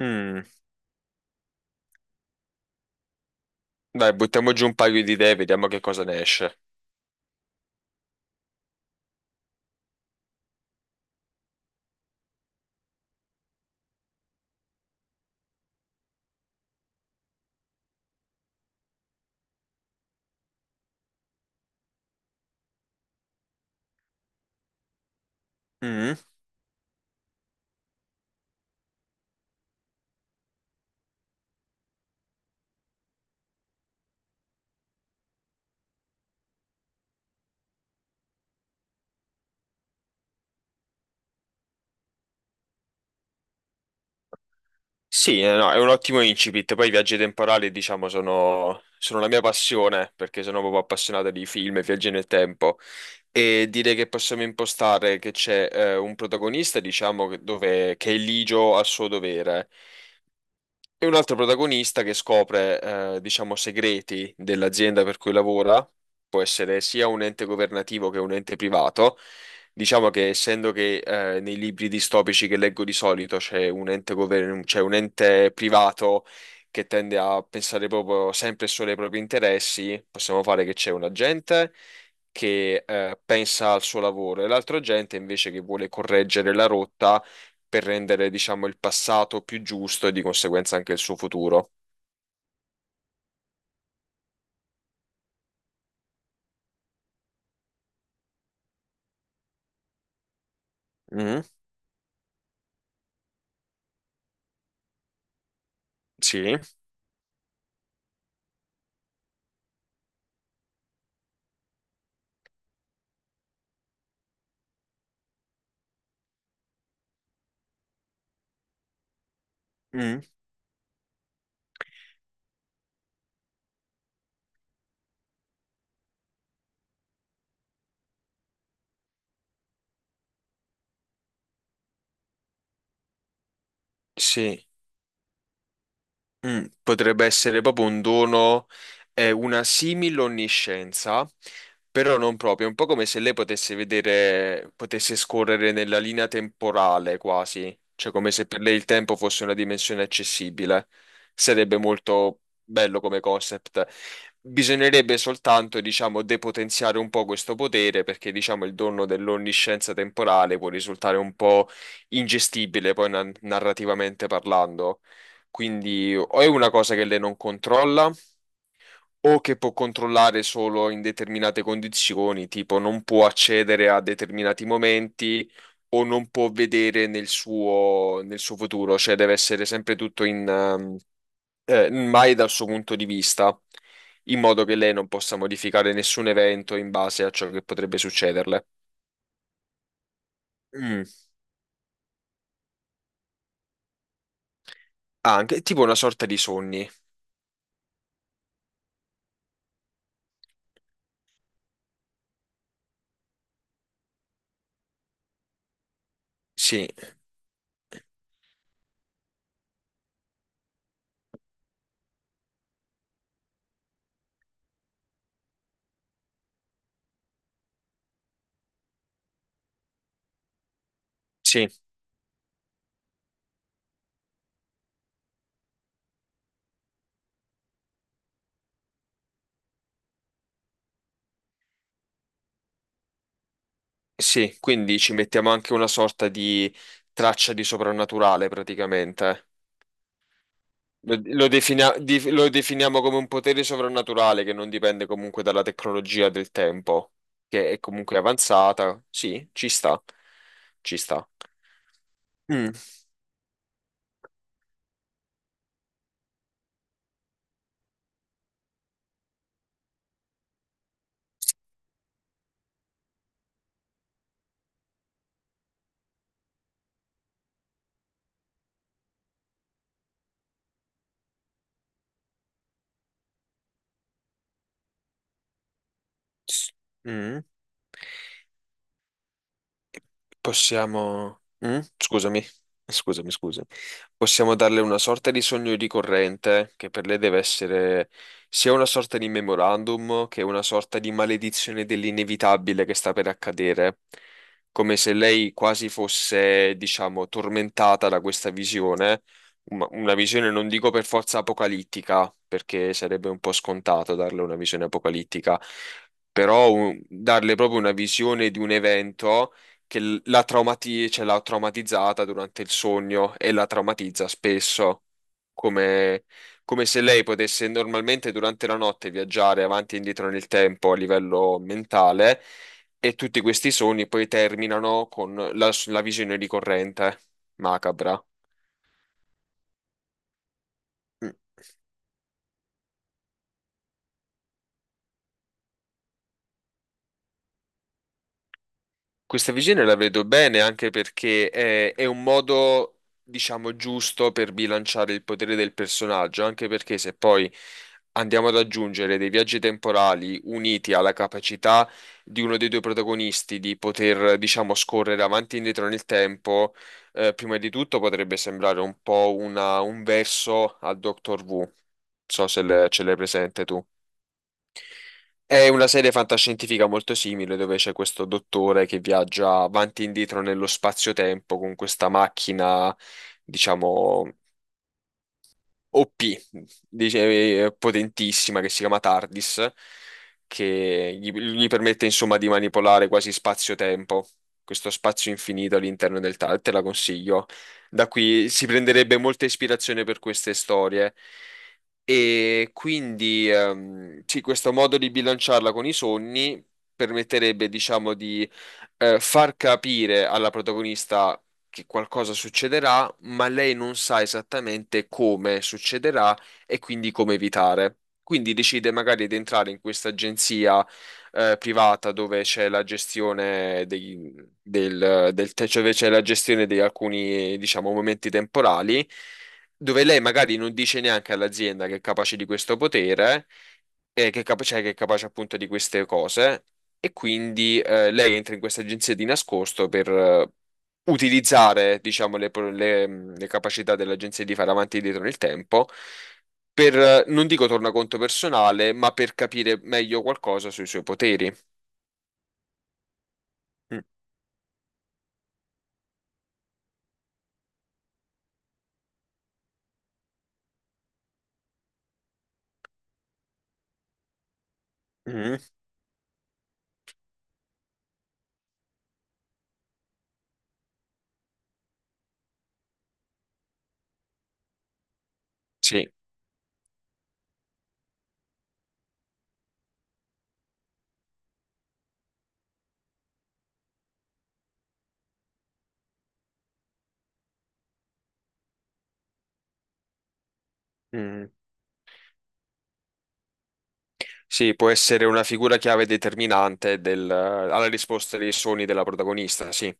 Mm. Dai, buttiamo giù un paio di idee, vediamo che cosa ne esce. Mm. Sì, no, è un ottimo incipit. Poi i viaggi temporali, diciamo, sono la mia passione, perché sono proprio appassionato di film e viaggi nel tempo. E direi che possiamo impostare che c'è un protagonista, diciamo, dove, che è ligio al suo dovere. E un altro protagonista che scopre, diciamo, segreti dell'azienda per cui lavora, può essere sia un ente governativo che un ente privato. Diciamo che essendo che nei libri distopici che leggo di solito c'è c'è un ente privato che tende a pensare proprio sempre e solo ai propri interessi, possiamo fare che c'è un agente che pensa al suo lavoro e l'altro agente invece che vuole correggere la rotta per rendere, diciamo, il passato più giusto e di conseguenza anche il suo futuro. Mm, sì. Mm, sì. Potrebbe essere proprio un dono, una simile onniscienza, però non proprio, è un po' come se lei potesse vedere, potesse scorrere nella linea temporale quasi, cioè come se per lei il tempo fosse una dimensione accessibile. Sarebbe molto bello come concept. Bisognerebbe soltanto, diciamo, depotenziare un po' questo potere perché, diciamo, il dono dell'onniscienza temporale può risultare un po' ingestibile poi narrativamente parlando. Quindi o è una cosa che lei non controlla o che può controllare solo in determinate condizioni, tipo non può accedere a determinati momenti o non può vedere nel suo futuro, cioè deve essere sempre tutto in, mai dal suo punto di vista, in modo che lei non possa modificare nessun evento in base a ciò che potrebbe succederle. Mm. Ah, anche tipo una sorta di sogni. Sì, sì. Sì, quindi ci mettiamo anche una sorta di traccia di soprannaturale praticamente. Lo definiamo come un potere soprannaturale che non dipende comunque dalla tecnologia del tempo, che è comunque avanzata. Sì, ci sta, ci sta. Mm. S- mm. Possiamo. Mm? Scusami, scusami, scusami. Possiamo darle una sorta di sogno ricorrente che per lei deve essere sia una sorta di memorandum che una sorta di maledizione dell'inevitabile che sta per accadere, come se lei quasi fosse, diciamo, tormentata da questa visione, una visione non dico per forza apocalittica, perché sarebbe un po' scontato darle una visione apocalittica però darle proprio una visione di un evento che cioè, l'ha traumatizzata durante il sogno e la traumatizza spesso, come, come se lei potesse normalmente durante la notte viaggiare avanti e indietro nel tempo a livello mentale e tutti questi sogni poi terminano con la visione ricorrente macabra. Mm. Questa visione la vedo bene anche perché è un modo, diciamo, giusto per bilanciare il potere del personaggio, anche perché se poi andiamo ad aggiungere dei viaggi temporali uniti alla capacità di uno dei due protagonisti di poter, diciamo, scorrere avanti e indietro nel tempo, prima di tutto potrebbe sembrare un po' un verso al Doctor Who. Non so se ce l'hai presente tu. È una serie fantascientifica molto simile dove c'è questo dottore che viaggia avanti e indietro nello spazio-tempo con questa macchina, diciamo. OP, potentissima, che si chiama TARDIS, che gli permette insomma di manipolare quasi spazio-tempo, questo spazio infinito all'interno del TARDIS, te la consiglio. Da qui si prenderebbe molta ispirazione per queste storie. E quindi sì, questo modo di bilanciarla con i sogni permetterebbe, diciamo, di far capire alla protagonista che qualcosa succederà, ma lei non sa esattamente come succederà e quindi come evitare. Quindi decide magari di entrare in questa agenzia privata dove c'è la gestione dei, del, del, te- cioè dove c'è la gestione di alcuni, diciamo, momenti temporali, dove lei magari non dice neanche all'azienda che è capace di questo potere, cioè che è capace appunto di queste cose. E quindi lei entra in questa agenzia di nascosto per utilizzare, diciamo, le capacità dell'agenzia di fare avanti e indietro nel tempo per non dico tornaconto personale, ma per capire meglio qualcosa sui suoi poteri. Mm, mm. Sì. Mm. Sì, può essere una figura chiave determinante alla risposta dei sogni della protagonista, sì.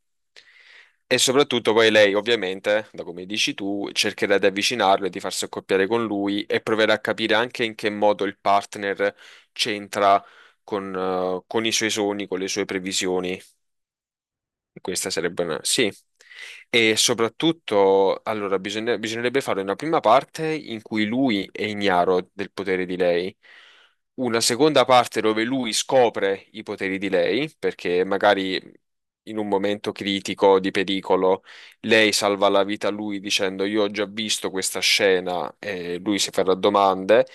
E soprattutto poi lei, ovviamente, da come dici tu, cercherà di avvicinarlo e di farsi accoppiare con lui e proverà a capire anche in che modo il partner c'entra con i suoi sogni, con le sue previsioni. Questa sarebbe una. Sì. E soprattutto, allora, bisognerebbe fare una prima parte in cui lui è ignaro del potere di lei, una seconda parte dove lui scopre i poteri di lei, perché magari in un momento critico di pericolo lei salva la vita a lui dicendo io ho già visto questa scena e lui si farà domande.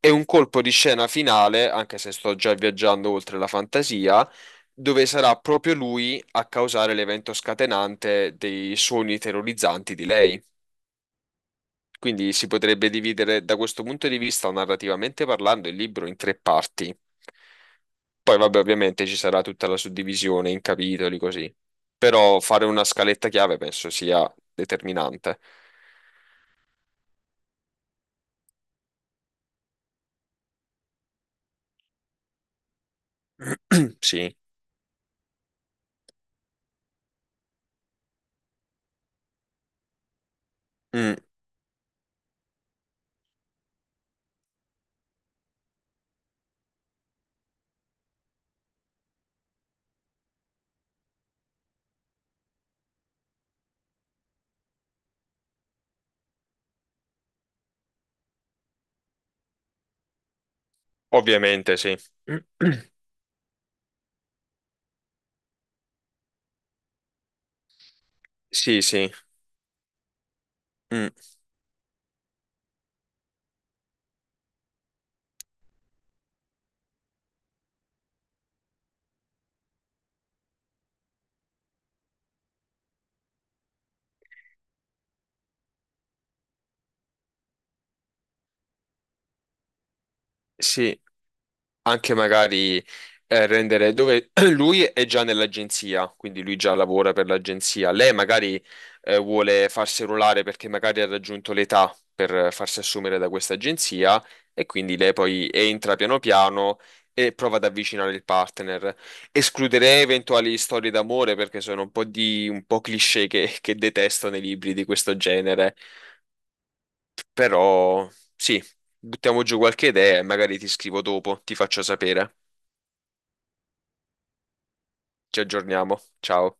E un colpo di scena finale, anche se sto già viaggiando oltre la fantasia, dove sarà proprio lui a causare l'evento scatenante dei sogni terrorizzanti di lei. Quindi si potrebbe dividere da questo punto di vista, narrativamente parlando, il libro in tre parti. Poi, vabbè, ovviamente ci sarà tutta la suddivisione in capitoli così. Però fare una scaletta chiave penso sia determinante. Sì. Mm. Ovviamente sì. Sì, sì. Mm, sì. Anche magari rendere dove lui è già nell'agenzia, quindi lui già lavora per l'agenzia. Lei magari vuole farsi ruolare perché magari ha raggiunto l'età per farsi assumere da questa agenzia e quindi lei poi entra piano piano e prova ad avvicinare il partner. Escluderei eventuali storie d'amore perché sono un po' di un po' cliché che detesto nei libri di questo genere. Però sì, buttiamo giù qualche idea e magari ti scrivo dopo, ti faccio sapere. Ci aggiorniamo. Ciao.